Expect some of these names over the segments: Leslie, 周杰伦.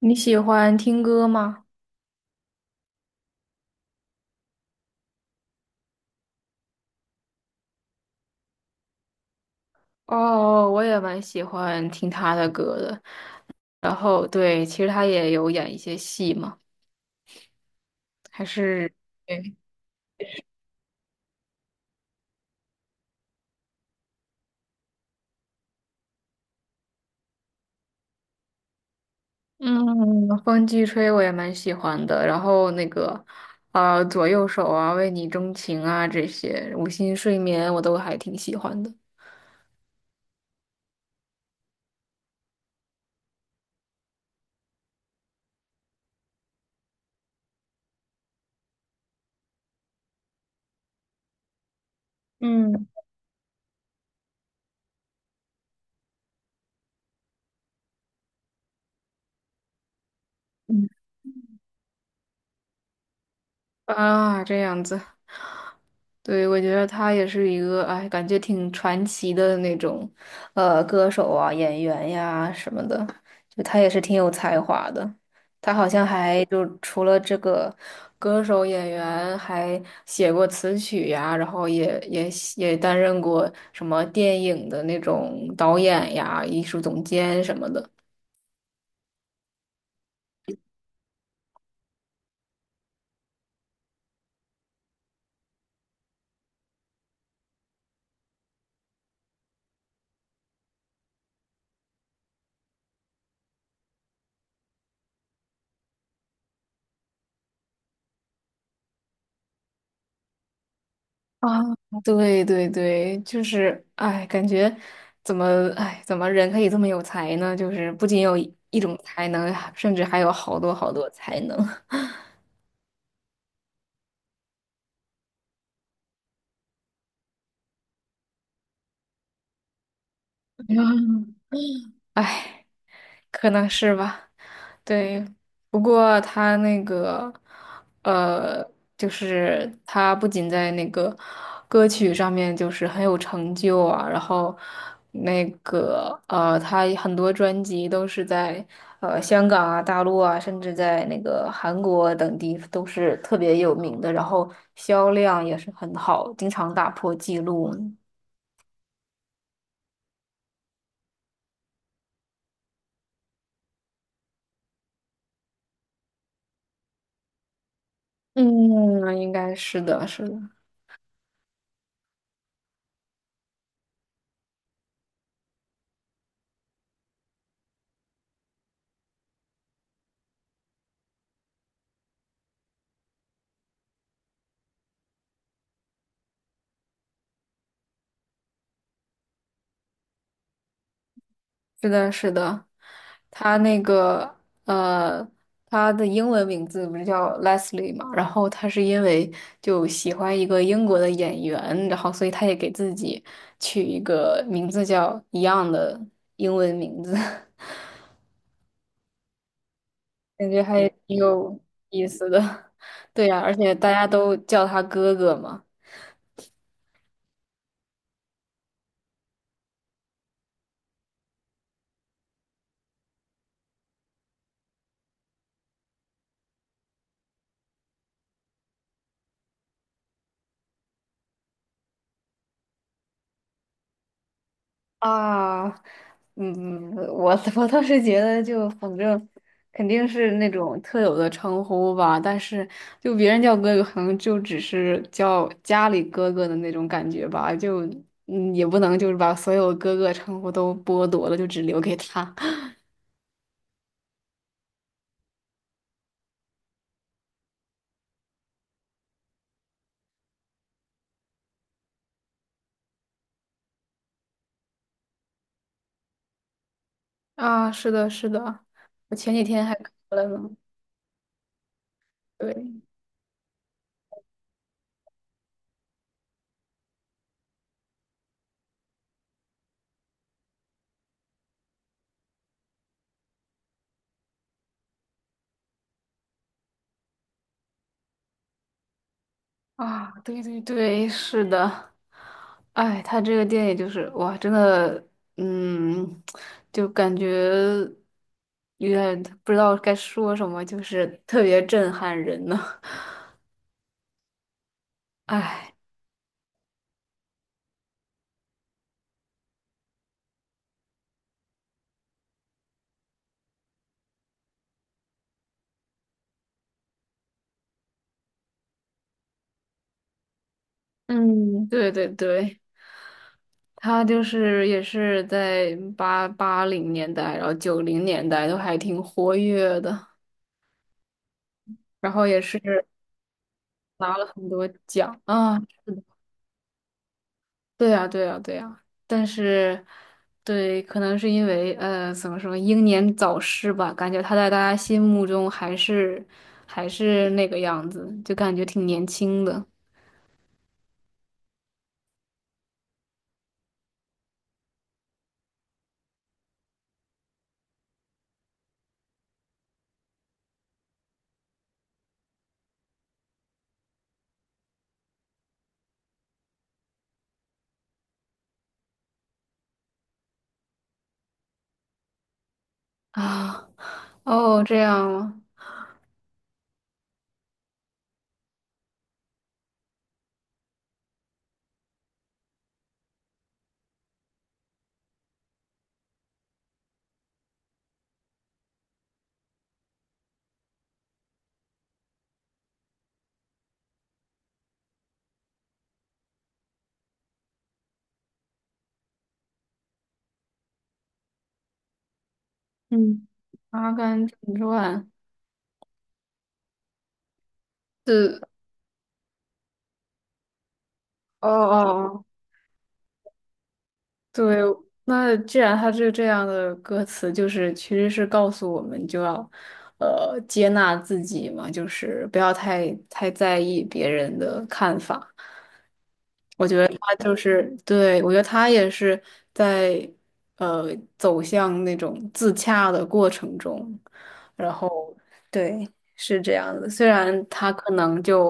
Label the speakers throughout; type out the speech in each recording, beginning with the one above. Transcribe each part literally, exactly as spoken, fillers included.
Speaker 1: 你喜欢听歌吗？哦，我也蛮喜欢听他的歌的。然后，对，其实他也有演一些戏嘛，还是对，嗯，《风继吹》我也蛮喜欢的。然后那个，呃，左右手啊，为你钟情啊，这些无心睡眠我都还挺喜欢的。嗯，嗯啊，这样子。对，我觉得他也是一个，哎，感觉挺传奇的那种，呃，歌手啊、演员呀什么的，就他也是挺有才华的。他好像还就除了这个歌手、演员，还写过词曲呀，然后也也也担任过什么电影的那种导演呀、艺术总监什么的。啊，对对对，就是哎，感觉怎么哎，怎么人可以这么有才呢？就是不仅有一一种才能，甚至还有好多好多才能。哎，可能是吧，对。不过他那个，呃，就是他不仅在那个歌曲上面就是很有成就啊，然后那个呃，他很多专辑都是在呃香港啊、大陆啊，甚至在那个韩国等地都是特别有名的，然后销量也是很好，经常打破记录。嗯，应该是的，是的。是的，是的，他那个呃，他的英文名字不是叫 Leslie 嘛？然后他是因为就喜欢一个英国的演员，然后所以他也给自己取一个名字叫一样的英文名字，感觉还嗯挺有意思的。对呀，而且大家都叫他哥哥嘛。啊，嗯，我 我倒是觉得，就反正肯定是那种特有的称呼吧，但是就别人叫哥哥，可能就只是叫家里哥哥的那种感觉吧，就嗯，也不能就是把所有哥哥称呼都剥夺了，就只留给他。啊，是的，是的，我前几天还看了呢，对。啊，对对对，是的，哎，他这个电影就是哇，真的，嗯，就感觉有点不知道该说什么，就是特别震撼人呢。哎，嗯，对对对，他就是也是在八八零年代，然后九零年代都还挺活跃的，然后也是拿了很多奖啊。对呀，对呀，对呀，但是，对，可能是因为呃，怎么说，英年早逝吧，感觉他在大家心目中还是还是那个样子，就感觉挺年轻的啊。哦，这样吗？嗯，《阿甘正传》是哦哦哦，对，那既然他是这样的歌词，就是其实是告诉我们就要呃接纳自己嘛，就是不要太太在意别人的看法。我觉得他就是，对，我觉得他也是在呃走向那种自洽的过程中，然后对，是这样的。虽然他可能就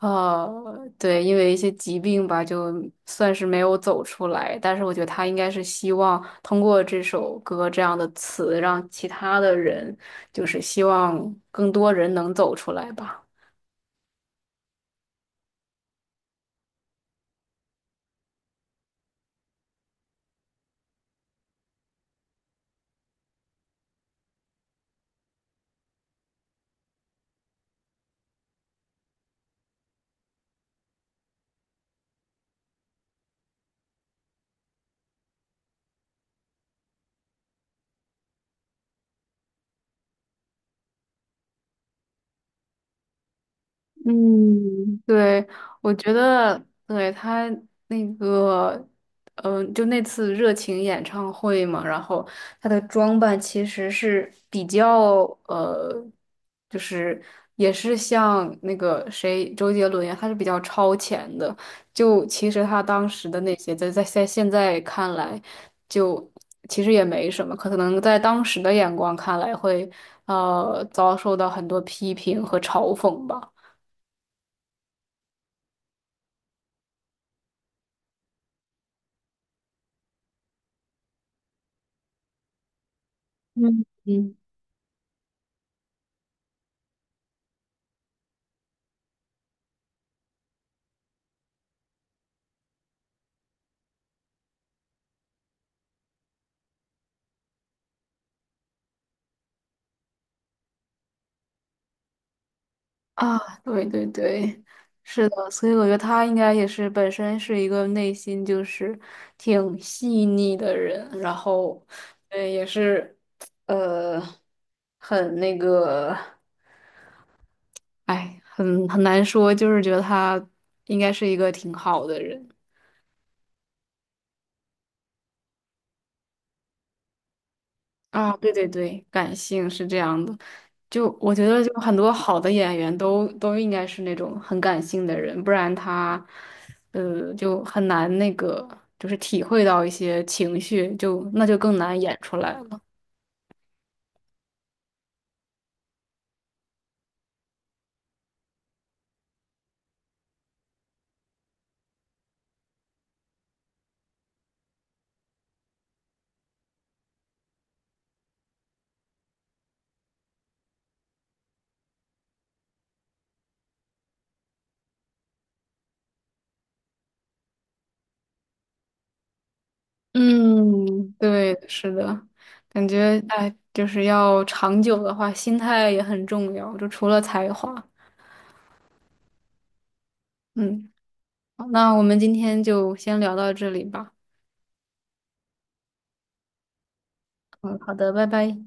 Speaker 1: 呃对，因为一些疾病吧，就算是没有走出来，但是我觉得他应该是希望通过这首歌这样的词，让其他的人，就是希望更多人能走出来吧。嗯，对，我觉得对他那个，嗯、就那次热情演唱会嘛，然后他的装扮其实是比较呃，就是也是像那个谁周杰伦一样他是比较超前的。就其实他当时的那些，在在在现在看来，就其实也没什么，可能在当时的眼光看来会呃遭受到很多批评和嘲讽吧。嗯嗯啊，对对对，是的，所以我觉得他应该也是本身是一个内心就是挺细腻的人，然后，呃，也是，呃，很那个，哎，很很难说，就是觉得他应该是一个挺好的人。啊，对对对，感性是这样的。就我觉得，就很多好的演员都都应该是那种很感性的人，不然他，呃，就很难那个，就是体会到一些情绪，就那就更难演出来了。嗯，对，是的，感觉哎，就是要长久的话，心态也很重要，就除了才华。嗯，好，那我们今天就先聊到这里吧。嗯，好的，拜拜。